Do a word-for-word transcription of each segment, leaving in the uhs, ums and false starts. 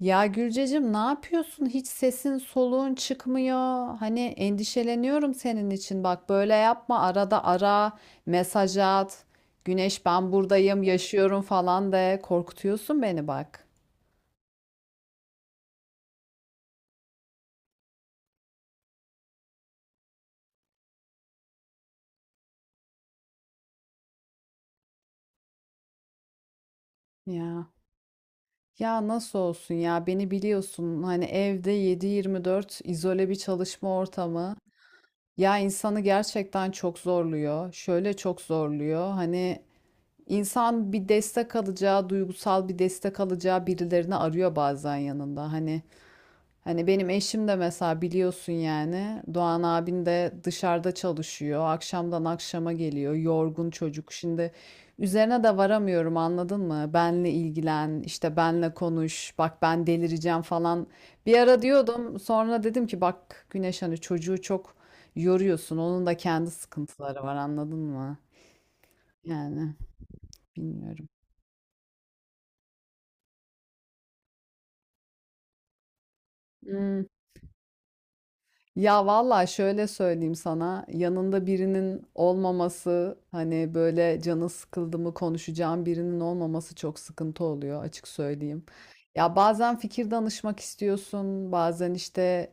Ya Gülcecim, ne yapıyorsun? Hiç sesin soluğun çıkmıyor. Hani endişeleniyorum senin için. Bak böyle yapma. Arada ara, mesaj at. Güneş ben buradayım, yaşıyorum falan de. Korkutuyorsun beni bak. Ya. Ya nasıl olsun ya? Beni biliyorsun. Hani evde yedi yirmi dört izole bir çalışma ortamı. Ya insanı gerçekten çok zorluyor. Şöyle çok zorluyor. Hani İnsan bir destek alacağı, duygusal bir destek alacağı birilerini arıyor bazen yanında. Hani hani benim eşim de mesela biliyorsun, yani Doğan abin de dışarıda çalışıyor. Akşamdan akşama geliyor. Yorgun çocuk. Şimdi üzerine de varamıyorum, anladın mı? Benle ilgilen, işte benle konuş. Bak ben delireceğim falan. Bir ara diyordum. Sonra dedim ki bak Güneş, hani çocuğu çok yoruyorsun. Onun da kendi sıkıntıları var, anladın mı? Yani bilmiyorum. Hmm. Ya valla şöyle söyleyeyim sana, yanında birinin olmaması, hani böyle canı sıkıldı mı konuşacağım birinin olmaması çok sıkıntı oluyor, açık söyleyeyim. Ya bazen fikir danışmak istiyorsun, bazen işte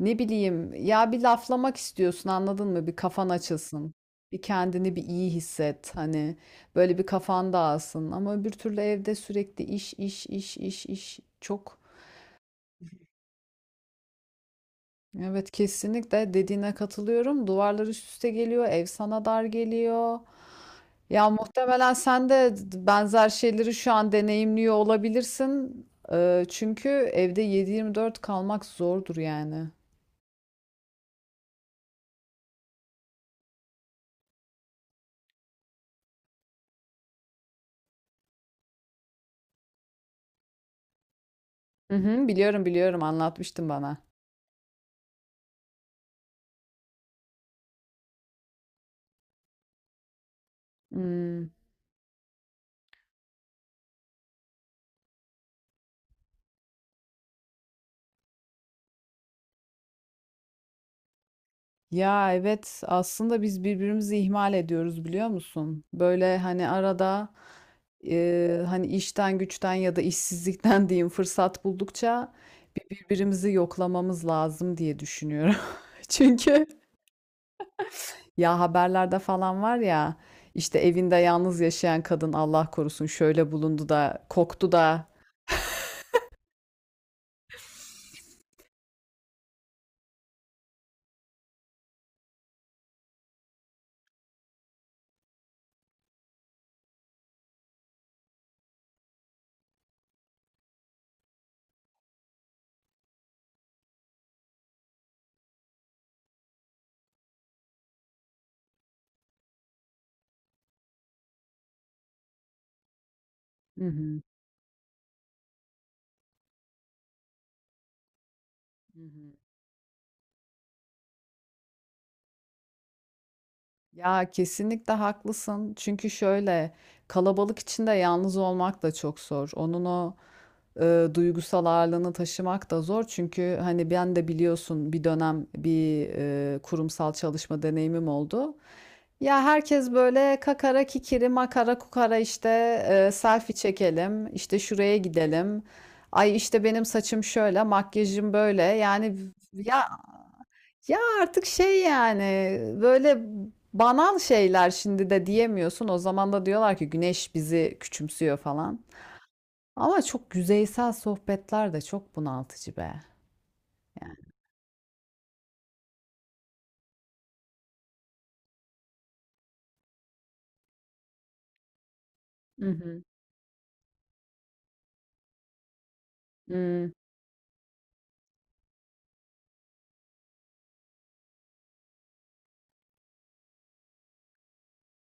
ne bileyim ya, bir laflamak istiyorsun, anladın mı, bir kafan açılsın. Bir kendini bir iyi hisset, hani böyle bir kafan dağılsın, ama öbür türlü evde sürekli iş iş iş iş iş çok. Evet, kesinlikle dediğine katılıyorum. Duvarlar üst üste geliyor, ev sana dar geliyor. Ya muhtemelen sen de benzer şeyleri şu an deneyimliyor olabilirsin. Ee, çünkü evde yedi yirmi dört kalmak zordur yani. Hı hı, biliyorum biliyorum, anlatmıştın bana. Hmm. Ya evet, aslında biz birbirimizi ihmal ediyoruz, biliyor musun? Böyle hani arada e, hani işten güçten ya da işsizlikten diyeyim, fırsat buldukça bir- birbirimizi yoklamamız lazım diye düşünüyorum. Çünkü ya haberlerde falan var ya, işte evinde yalnız yaşayan kadın Allah korusun şöyle bulundu da koktu da. Hı hı. Hı hı. Ya kesinlikle haklısın. Çünkü şöyle kalabalık içinde yalnız olmak da çok zor. Onun o e, duygusal ağırlığını taşımak da zor. Çünkü hani ben de biliyorsun, bir dönem bir e, kurumsal çalışma deneyimim oldu. Ya herkes böyle kakara kikiri makara kukara, işte e, selfie çekelim, işte şuraya gidelim. Ay işte benim saçım şöyle, makyajım böyle. Yani ya, ya artık şey yani böyle banal şeyler şimdi de diyemiyorsun. O zaman da diyorlar ki Güneş bizi küçümsüyor falan. Ama çok yüzeysel sohbetler de çok bunaltıcı be. Yani. Hı hı. Hmm,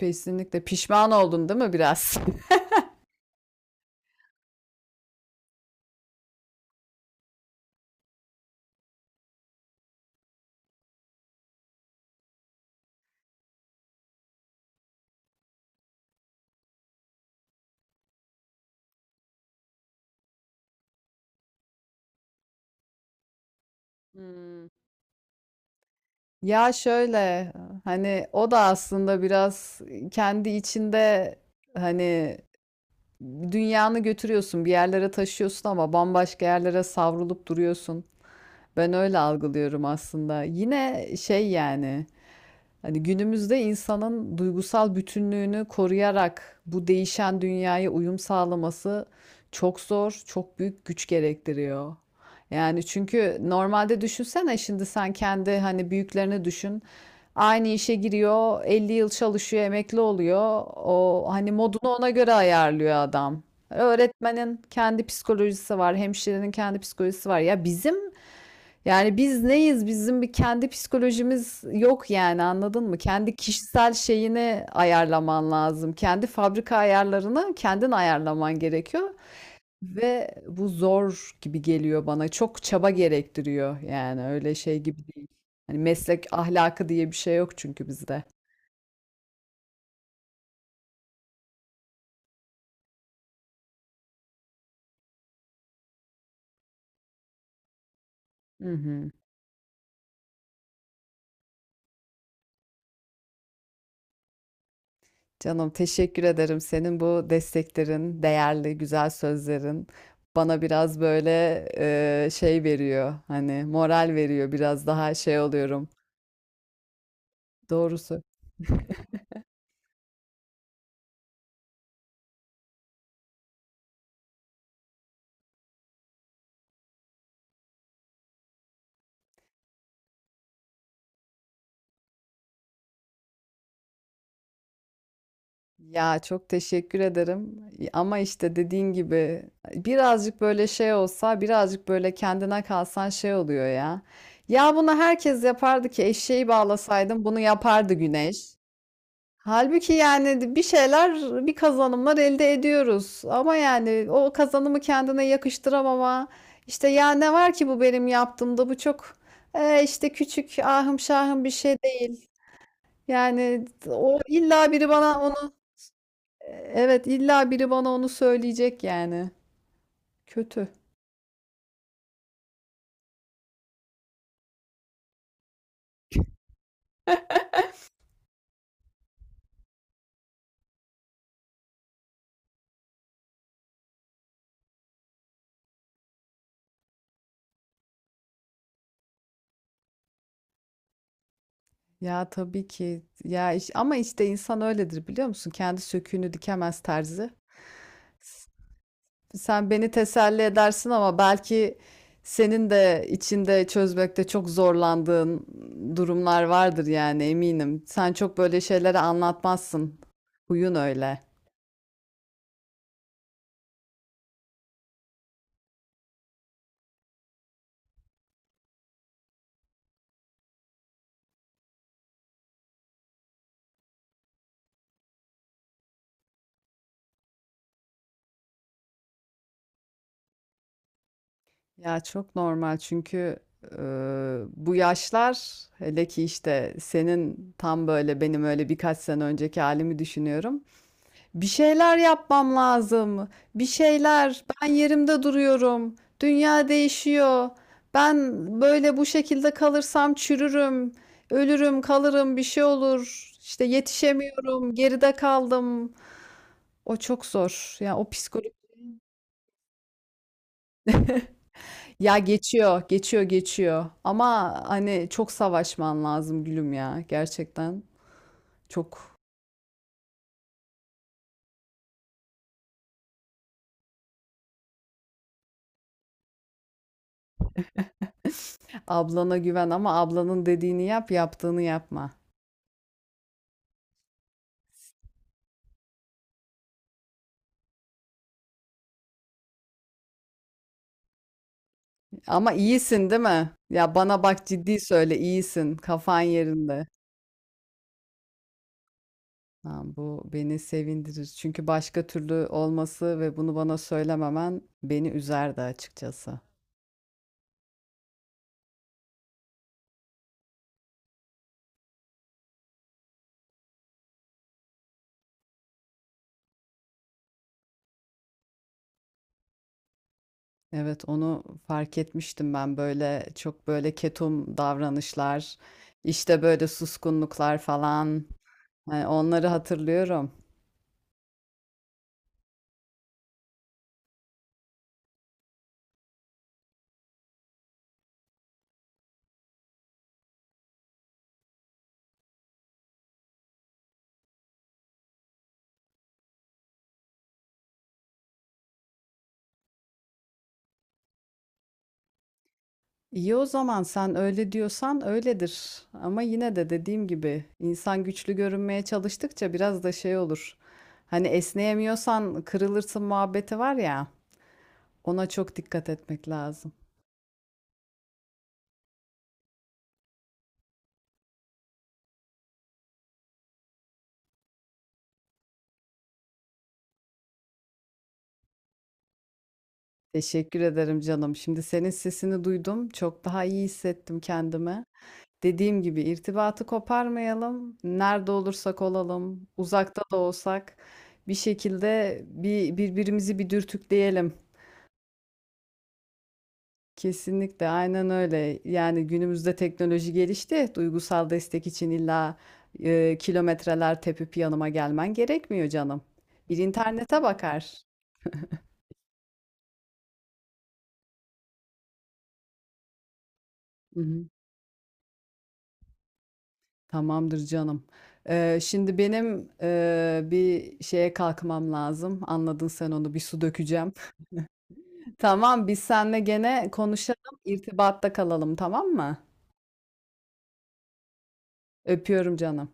kesinlikle pişman oldun değil mi biraz? Hmm. Ya şöyle, hani o da aslında biraz kendi içinde, hani dünyanı götürüyorsun, bir yerlere taşıyorsun ama bambaşka yerlere savrulup duruyorsun. Ben öyle algılıyorum aslında. Yine şey yani, hani günümüzde insanın duygusal bütünlüğünü koruyarak bu değişen dünyaya uyum sağlaması çok zor, çok büyük güç gerektiriyor. Yani çünkü normalde düşünsene, şimdi sen kendi hani büyüklerini düşün. Aynı işe giriyor, elli yıl çalışıyor, emekli oluyor. O hani modunu ona göre ayarlıyor adam. Öğretmenin kendi psikolojisi var, hemşirenin kendi psikolojisi var. Ya bizim, yani biz neyiz? Bizim bir kendi psikolojimiz yok yani, anladın mı? Kendi kişisel şeyini ayarlaman lazım. Kendi fabrika ayarlarını kendin ayarlaman gerekiyor. Ve bu zor gibi geliyor bana. Çok çaba gerektiriyor yani, öyle şey gibi değil. Hani meslek ahlakı diye bir şey yok çünkü bizde. Hı hı. Canım teşekkür ederim. Senin bu desteklerin, değerli, güzel sözlerin bana biraz böyle e, şey veriyor. Hani moral veriyor. Biraz daha şey oluyorum. Doğrusu. Ya çok teşekkür ederim. Ama işte dediğin gibi birazcık böyle şey olsa, birazcık böyle kendine kalsan şey oluyor ya. Ya bunu herkes yapardı ki, eşeği bağlasaydım bunu yapardı Güneş. Halbuki yani bir şeyler, bir kazanımlar elde ediyoruz. Ama yani o kazanımı kendine yakıştıramama, işte ya ne var ki bu benim yaptığımda, bu çok e, işte küçük, ahım şahım bir şey değil. Yani o illa biri bana onu, evet illa biri bana onu söyleyecek yani. Kötü. Ya tabii ki. Ya iş- ama işte insan öyledir, biliyor musun? Kendi söküğünü dikemez terzi. Sen beni teselli edersin ama belki senin de içinde çözmekte çok zorlandığın durumlar vardır yani, eminim. Sen çok böyle şeyleri anlatmazsın. Huyun öyle. Ya çok normal çünkü e, bu yaşlar, hele ki işte senin, tam böyle benim öyle birkaç sene önceki halimi düşünüyorum. Bir şeyler yapmam lazım. Bir şeyler. Ben yerimde duruyorum. Dünya değişiyor. Ben böyle bu şekilde kalırsam çürürüm. Ölürüm, kalırım, bir şey olur. İşte yetişemiyorum, geride kaldım. O çok zor. Ya o psikolojik. Ya geçiyor, geçiyor, geçiyor. Ama hani çok savaşman lazım gülüm ya. Gerçekten çok. Ablana güven ama ablanın dediğini yap, yaptığını yapma. Ama iyisin değil mi? Ya bana bak, ciddi söyle, iyisin. Kafan yerinde. Ha, bu beni sevindirir. Çünkü başka türlü olması ve bunu bana söylememen beni üzerdi açıkçası. Evet, onu fark etmiştim ben, böyle çok böyle ketum davranışlar, işte böyle suskunluklar falan. Yani onları hatırlıyorum. İyi, o zaman sen öyle diyorsan öyledir. Ama yine de dediğim gibi, insan güçlü görünmeye çalıştıkça biraz da şey olur. Hani esneyemiyorsan kırılırsın muhabbeti var ya, ona çok dikkat etmek lazım. Teşekkür ederim canım. Şimdi senin sesini duydum. Çok daha iyi hissettim kendimi. Dediğim gibi, irtibatı koparmayalım. Nerede olursak olalım, uzakta da olsak bir şekilde bir birbirimizi bir dürtükleyelim. Kesinlikle, aynen öyle. Yani günümüzde teknoloji gelişti. Duygusal destek için illa e, kilometreler tepip yanıma gelmen gerekmiyor canım. Bir internete bakar. Hı hı. Tamamdır canım. Ee, şimdi benim e, bir şeye kalkmam lazım. Anladın sen onu, bir su dökeceğim. Tamam, biz seninle gene konuşalım, irtibatta kalalım tamam mı? Öpüyorum canım.